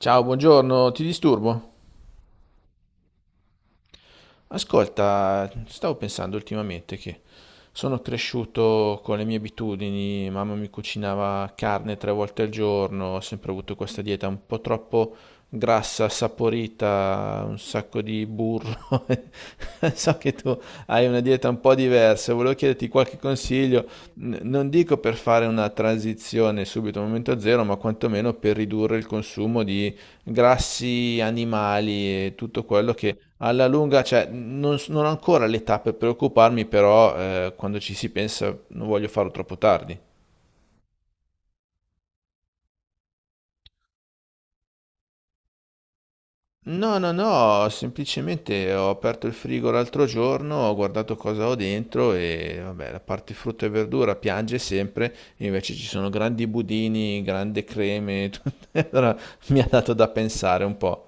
Ciao, buongiorno, ti disturbo? Ascolta, stavo pensando ultimamente che sono cresciuto con le mie abitudini, mamma mi cucinava carne tre volte al giorno, ho sempre avuto questa dieta un po' troppo grassa, saporita, un sacco di burro. So che tu hai una dieta un po' diversa, volevo chiederti qualche consiglio, non dico per fare una transizione subito al momento zero, ma quantomeno per ridurre il consumo di grassi animali e tutto quello che alla lunga, cioè, non, non ho ancora l'età per preoccuparmi, però quando ci si pensa non voglio farlo troppo tardi. No, no, no, semplicemente ho aperto il frigo l'altro giorno, ho guardato cosa ho dentro e vabbè, la parte frutta e verdura piange sempre, invece ci sono grandi budini, grandi creme, tutto. Allora mi ha dato da pensare un po'.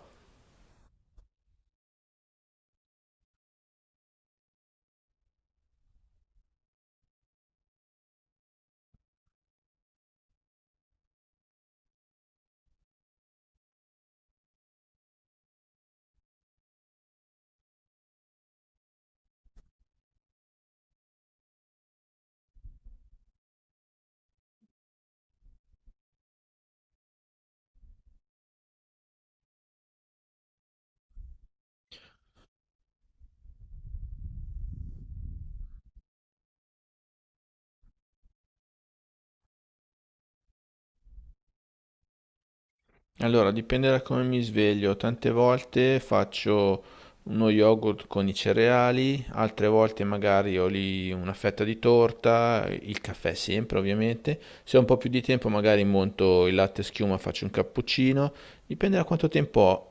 Allora, dipende da come mi sveglio. Tante volte faccio uno yogurt con i cereali, altre volte magari ho lì una fetta di torta, il caffè sempre ovviamente. Se ho un po' più di tempo magari monto il latte schiuma, faccio un cappuccino. Dipende da quanto tempo ho.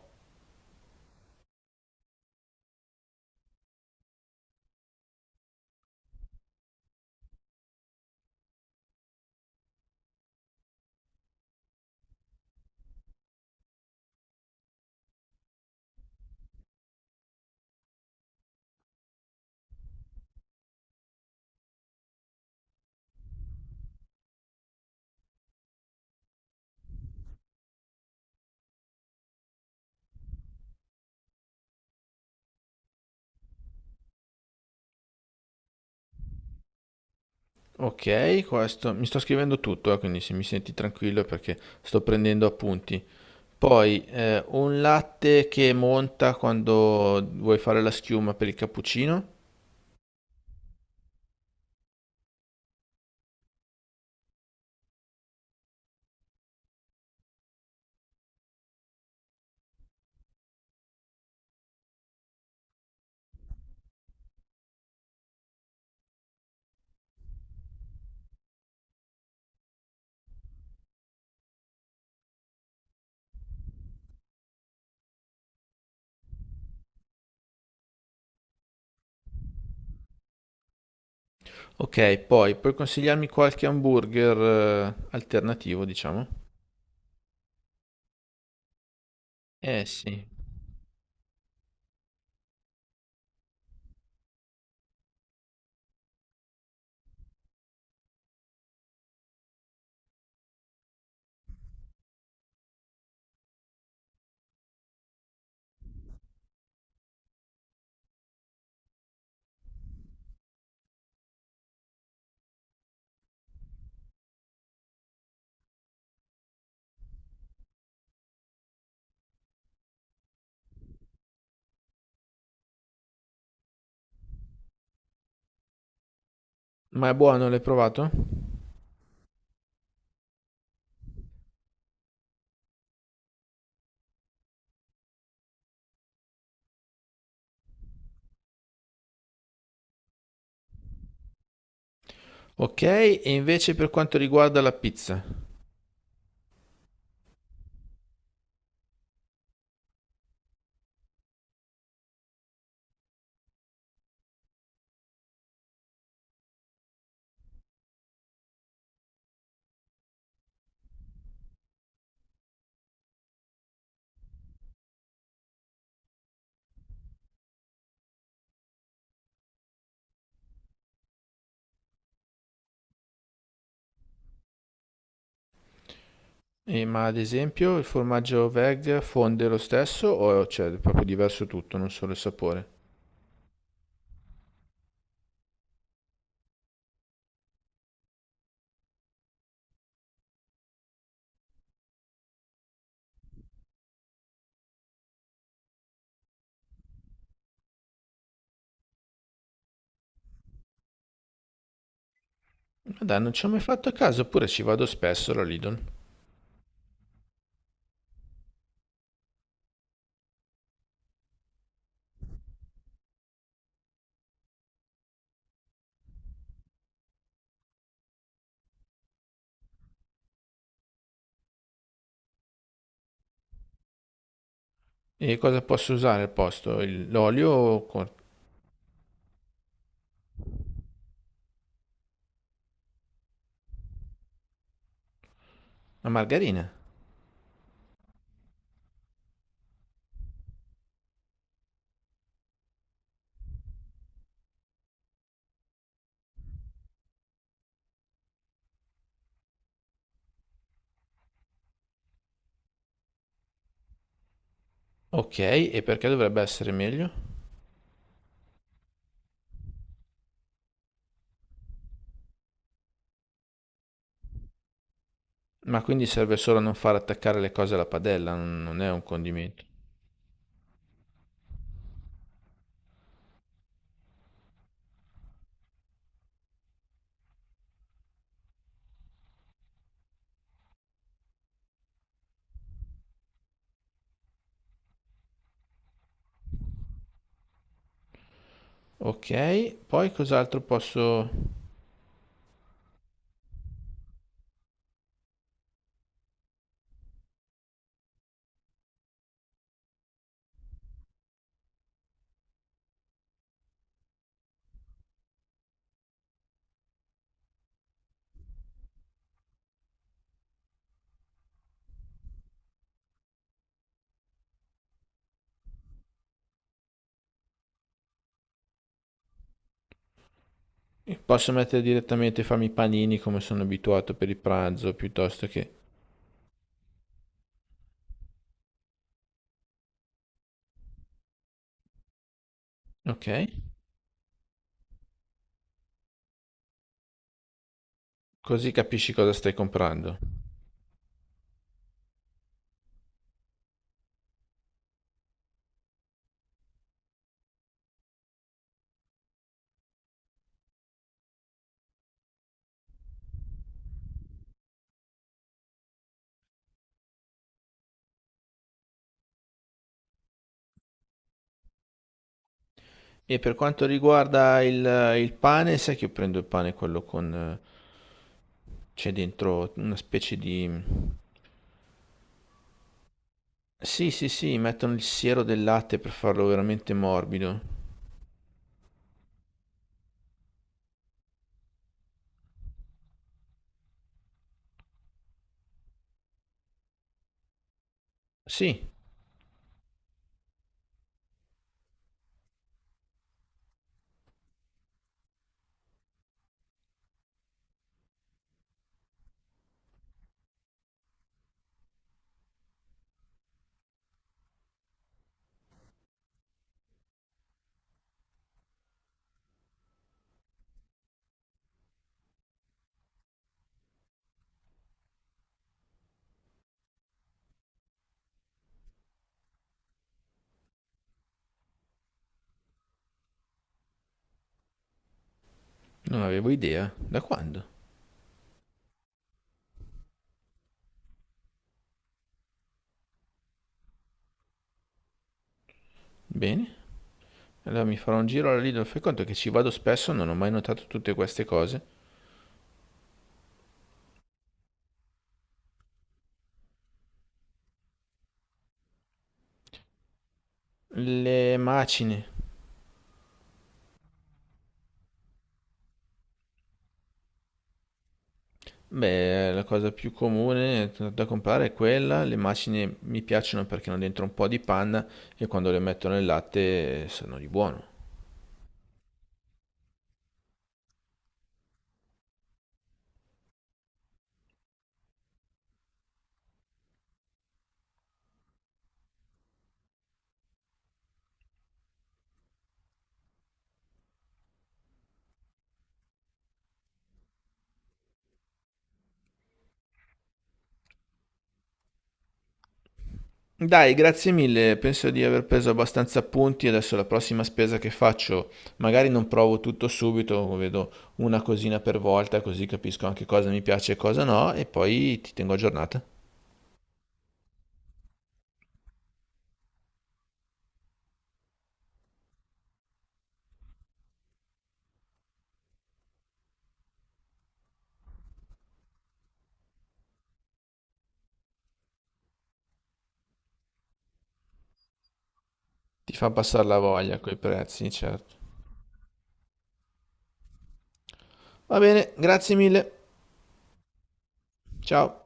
Ok, questo mi sto scrivendo tutto, quindi se mi senti tranquillo è perché sto prendendo appunti. Poi un latte che monta quando vuoi fare la schiuma per il cappuccino. Ok, poi puoi consigliarmi qualche hamburger alternativo, diciamo? Eh sì, ma è buono, l'hai provato? Ok, e invece per quanto riguarda la pizza, eh, ma ad esempio il formaggio veg fonde lo stesso o c'è proprio diverso tutto, non solo il sapore? Ma dai, non ci ho mai fatto caso, oppure ci vado spesso alla Lidl. E cosa posso usare al posto? L'olio o la margarina? Ok, e perché dovrebbe essere meglio? Ma quindi serve solo a non far attaccare le cose alla padella, non è un condimento. Ok, poi cos'altro posso... Posso mettere direttamente, farmi i panini come sono abituato per il pranzo, piuttosto che... Ok, così capisci cosa stai comprando. E per quanto riguarda il pane, sai che io prendo il pane quello con... c'è dentro una specie di... Sì, sì, sì, mettono il siero del latte per farlo veramente morbido. Sì, non avevo idea. Da quando? Bene. Allora mi farò un giro alla Lidl, fai conto che ci vado spesso, non ho mai notato tutte queste cose. Le macine, beh, la cosa più comune da comprare è quella. Le macine mi piacciono perché hanno dentro un po' di panna e quando le metto nel latte sono di buono. Dai, grazie mille, penso di aver preso abbastanza punti. Adesso la prossima spesa che faccio, magari non provo tutto subito, vedo una cosina per volta, così capisco anche cosa mi piace e cosa no, e poi ti tengo aggiornata. Ti fa passare la voglia coi prezzi, certo. Va bene, grazie mille. Ciao.